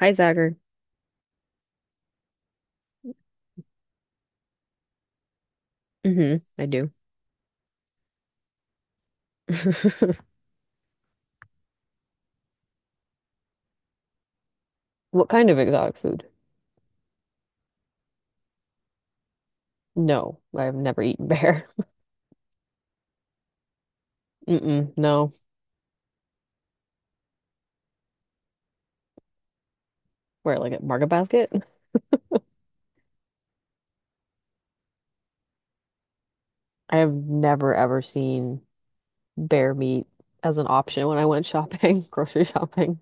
Hi, Zagger. Hmm, I do. What kind of exotic food? No, I've never eaten bear. Mm-mm, no. Where, like at Market Basket? I have never ever seen bear meat as an option when I went shopping, grocery shopping.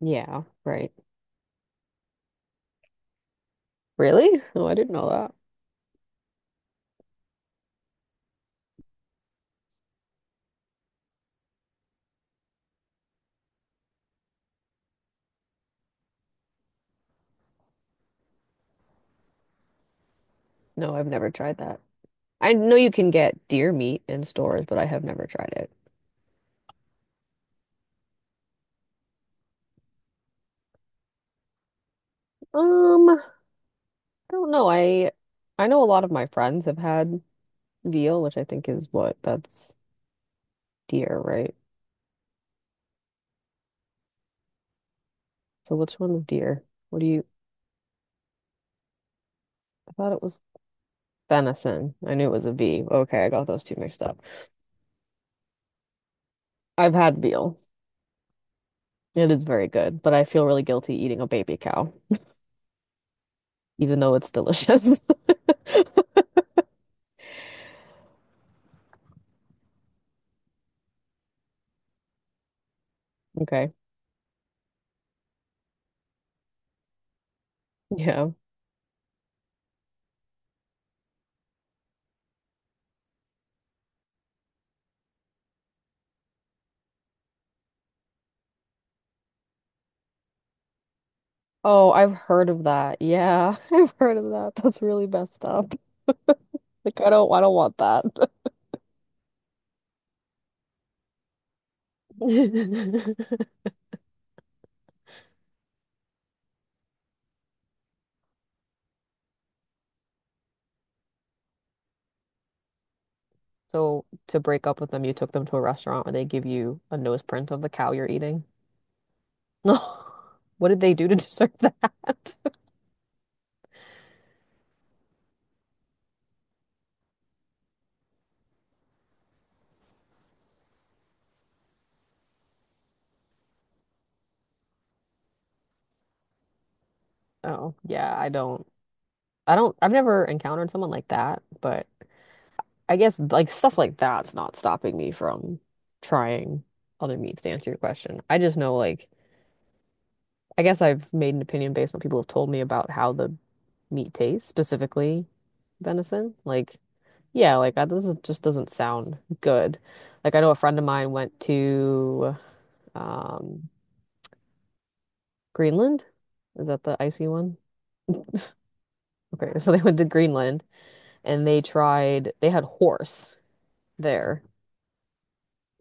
Yeah, right. Really? Oh, I didn't know that. No, I've never tried that. I know you can get deer meat in stores, but I have never tried it. I don't know. I know a lot of my friends have had veal, which I think is what that's deer, right? So which one is deer? What do you, I thought it was venison. I knew it was a V. Okay, I got those two mixed up. I've had veal. It is very good, but I feel really guilty eating a baby cow, even though it's delicious. Okay. Yeah. Oh, I've heard of that. Yeah, I've heard of that. That's really messed up. Like I don't want that. So to break up with them, you took them to a restaurant where they give you a nose print of the cow you're eating. What did they do to deserve that? Oh, yeah, I don't. I don't, I've never encountered someone like that, but I guess like stuff like that's not stopping me from trying other meats to answer your question. I just know like, I guess I've made an opinion based on people have told me about how the meat tastes, specifically venison. Like, yeah, like I, this is, just doesn't sound good. Like I know a friend of mine went to um, Greenland. Is that the icy one? Okay, so they went to Greenland and they tried, they had horse there.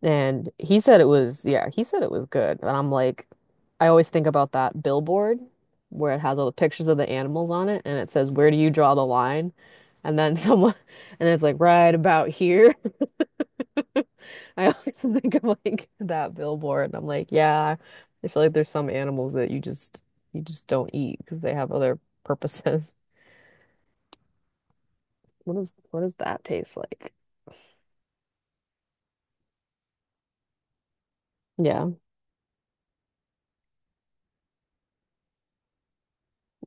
And he said it was, yeah, he said it was good. And I'm like, I always think about that billboard where it has all the pictures of the animals on it and it says, where do you draw the line? And then someone, and it's like, right about here. I always think of like that billboard. And I'm like, yeah, I feel like there's some animals that you just don't eat because they have other purposes. What is, what does that taste like? Yeah.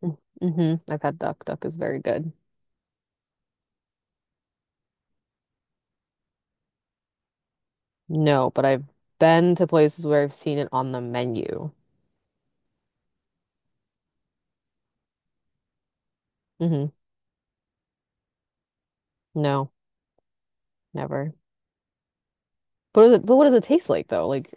Mm-hmm. Mm-hmm. I've had duck. Duck is very good. No, but I've been to places where I've seen it on the menu. Hmm. No, never. But is it, but what does it taste like though? Like,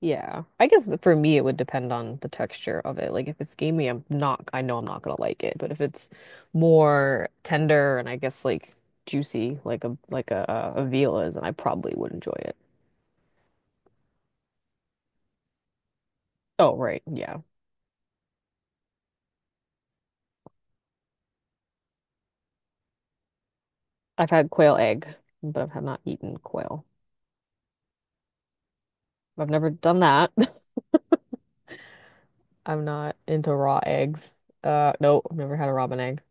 yeah. I guess that for me it would depend on the texture of it. Like if it's gamey, I'm not, I know I'm not gonna like it. But if it's more tender and I guess like juicy, like a like, a veal is, then I probably would enjoy it. Oh, right, yeah. I've had quail egg, but I've had not eaten quail. I've never done that. I'm not into raw eggs. No, I've never had a robin egg.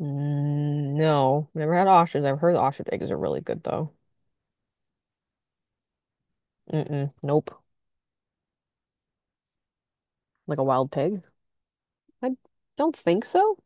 Mm, no, never had ostrich. I've heard ostrich eggs are really good though. Mm-mm, nope. Like a wild pig? I don't think so.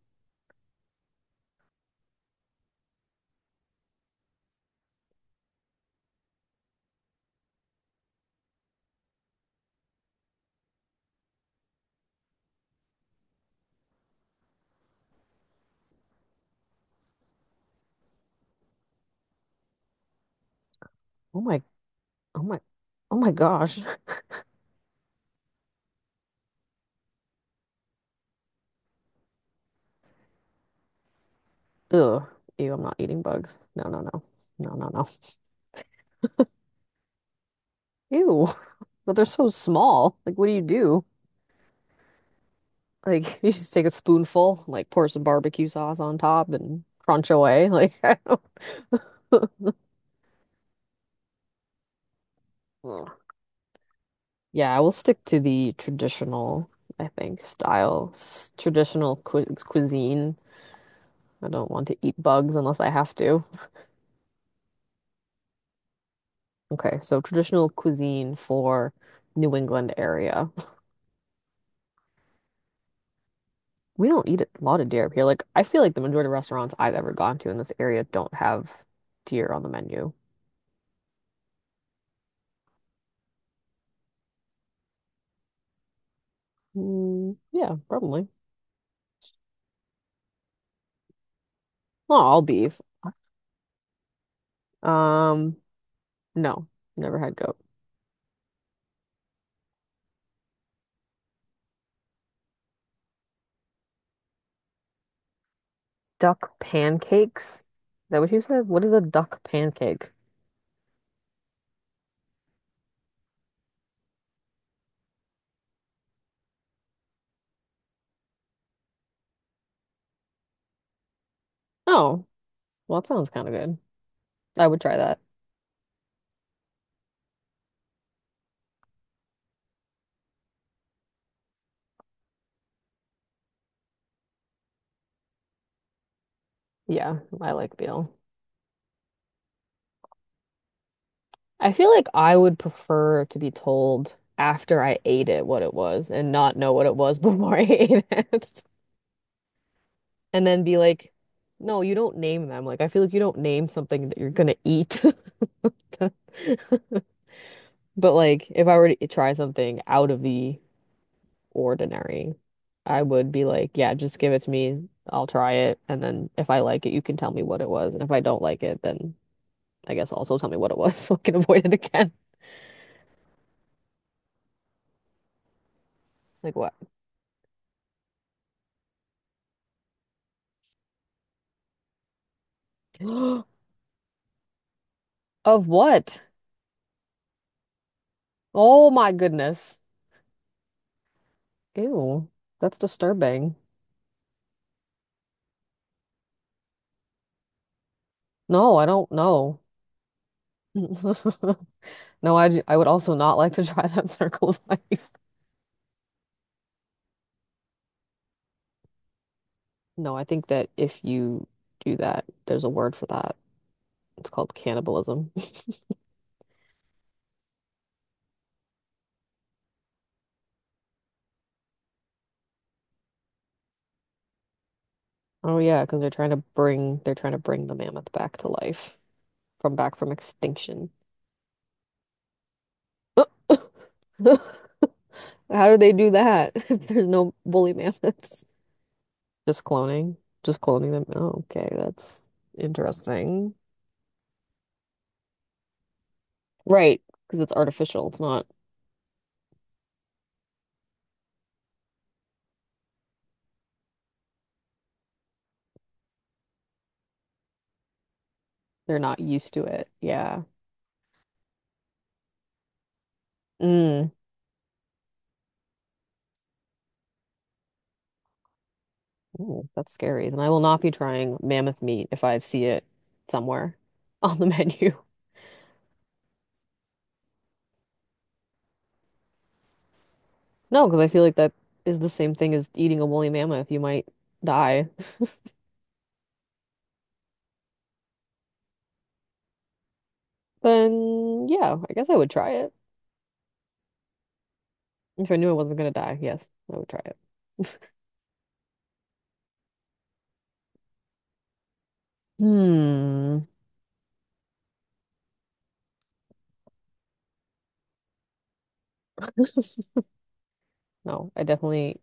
Oh my, oh my, oh my gosh. Ugh. Ew, I'm not eating bugs. No, no, no. No, no, no. Ew. But they're so small. Like, what do you do? Like, you just take a spoonful, like pour some barbecue sauce on top and crunch away. Like, I don't. Yeah, I will stick to the traditional, I think, style, traditional cu cuisine. I don't want to eat bugs unless I have to. Okay, so traditional cuisine for New England area. We don't eat a lot of deer up here. Like, I feel like the majority of restaurants I've ever gone to in this area don't have deer on the menu. Mm, yeah, probably. Not all beef. Um, no, never had goat. Duck pancakes? Is that what you said? What is a duck pancake? Oh. Well, that sounds kind of good. I would try that. Yeah, I like veal. I feel like I would prefer to be told after I ate it what it was and not know what it was before I ate it. And then be like, no, you don't name them. Like, I feel like you don't name something that you're gonna eat. But like, if I were to try something out of the ordinary, I would be like, yeah, just give it to me. I'll try it. And then if I like it, you can tell me what it was. And if I don't like it, then I guess also tell me what it was so I can avoid it again. Like what? Of what? Oh my goodness. Ew, that's disturbing. No, I don't know. No, I would also not like to try that circle of life. No, I think that if you do that, there's a word for that. It's called cannibalism. Oh yeah, because they're trying to bring the mammoth back to life from back from extinction. How do they do that if there's no woolly mammoths? Just cloning. Just cloning them. Oh, okay, that's interesting. Right, because it's artificial. It's not, they're not used to it. Yeah. Mm. Ooh, that's scary. Then I will not be trying mammoth meat if I see it somewhere on the menu. No, because I feel like that is the same thing as eating a woolly mammoth. You might die. Then, yeah, I guess I would try it. If I knew I wasn't gonna die, yes, I would try it. Hmm. No, I definitely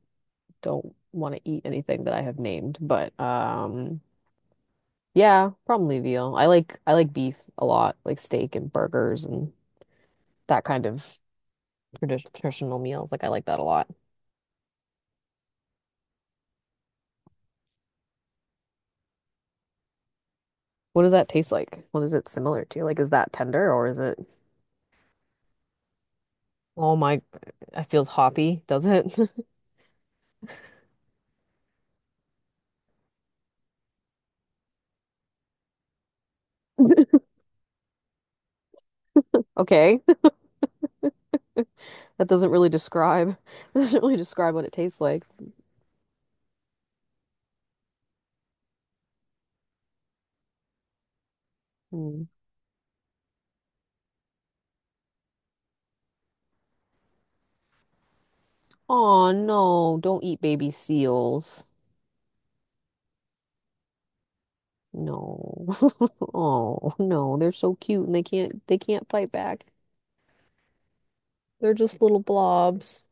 don't want to eat anything that I have named, but yeah, probably veal. I like beef a lot, like steak and burgers and that kind of traditional meals. Like I like that a lot. What does that taste like? What is it similar to? Like is that tender or is it Oh my, it feels hoppy, does it? Okay. That doesn't really describe doesn't really describe what it tastes like. Mm. Oh no, don't eat baby seals. No. Oh, no. They're so cute and they can't fight back. They're just little blobs.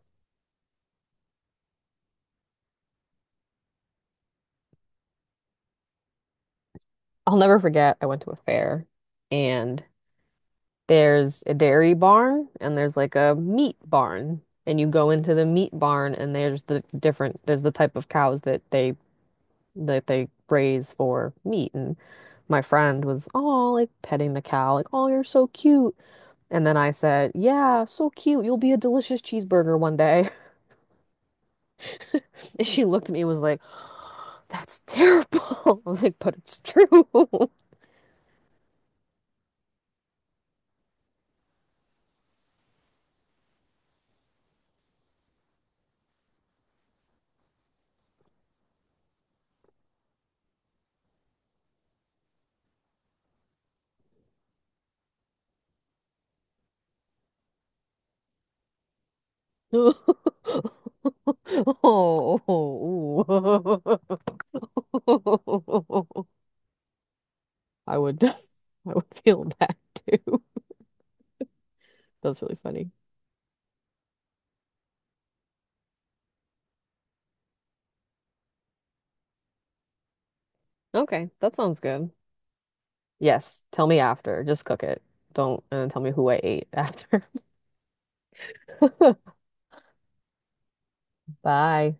I'll never forget I went to a fair and there's a dairy barn and there's like a meat barn. And you go into the meat barn and the type of cows that they raise for meat. And my friend was, oh, like petting the cow, like, oh, you're so cute. And then I said, yeah, so cute. You'll be a delicious cheeseburger one day. And she looked at me and was like, that's terrible. I was like, but it's true. Oh. I would feel bad too. That's really funny. Okay, that sounds good. Yes, tell me after. Just cook it. Don't and tell me who I ate after. Bye.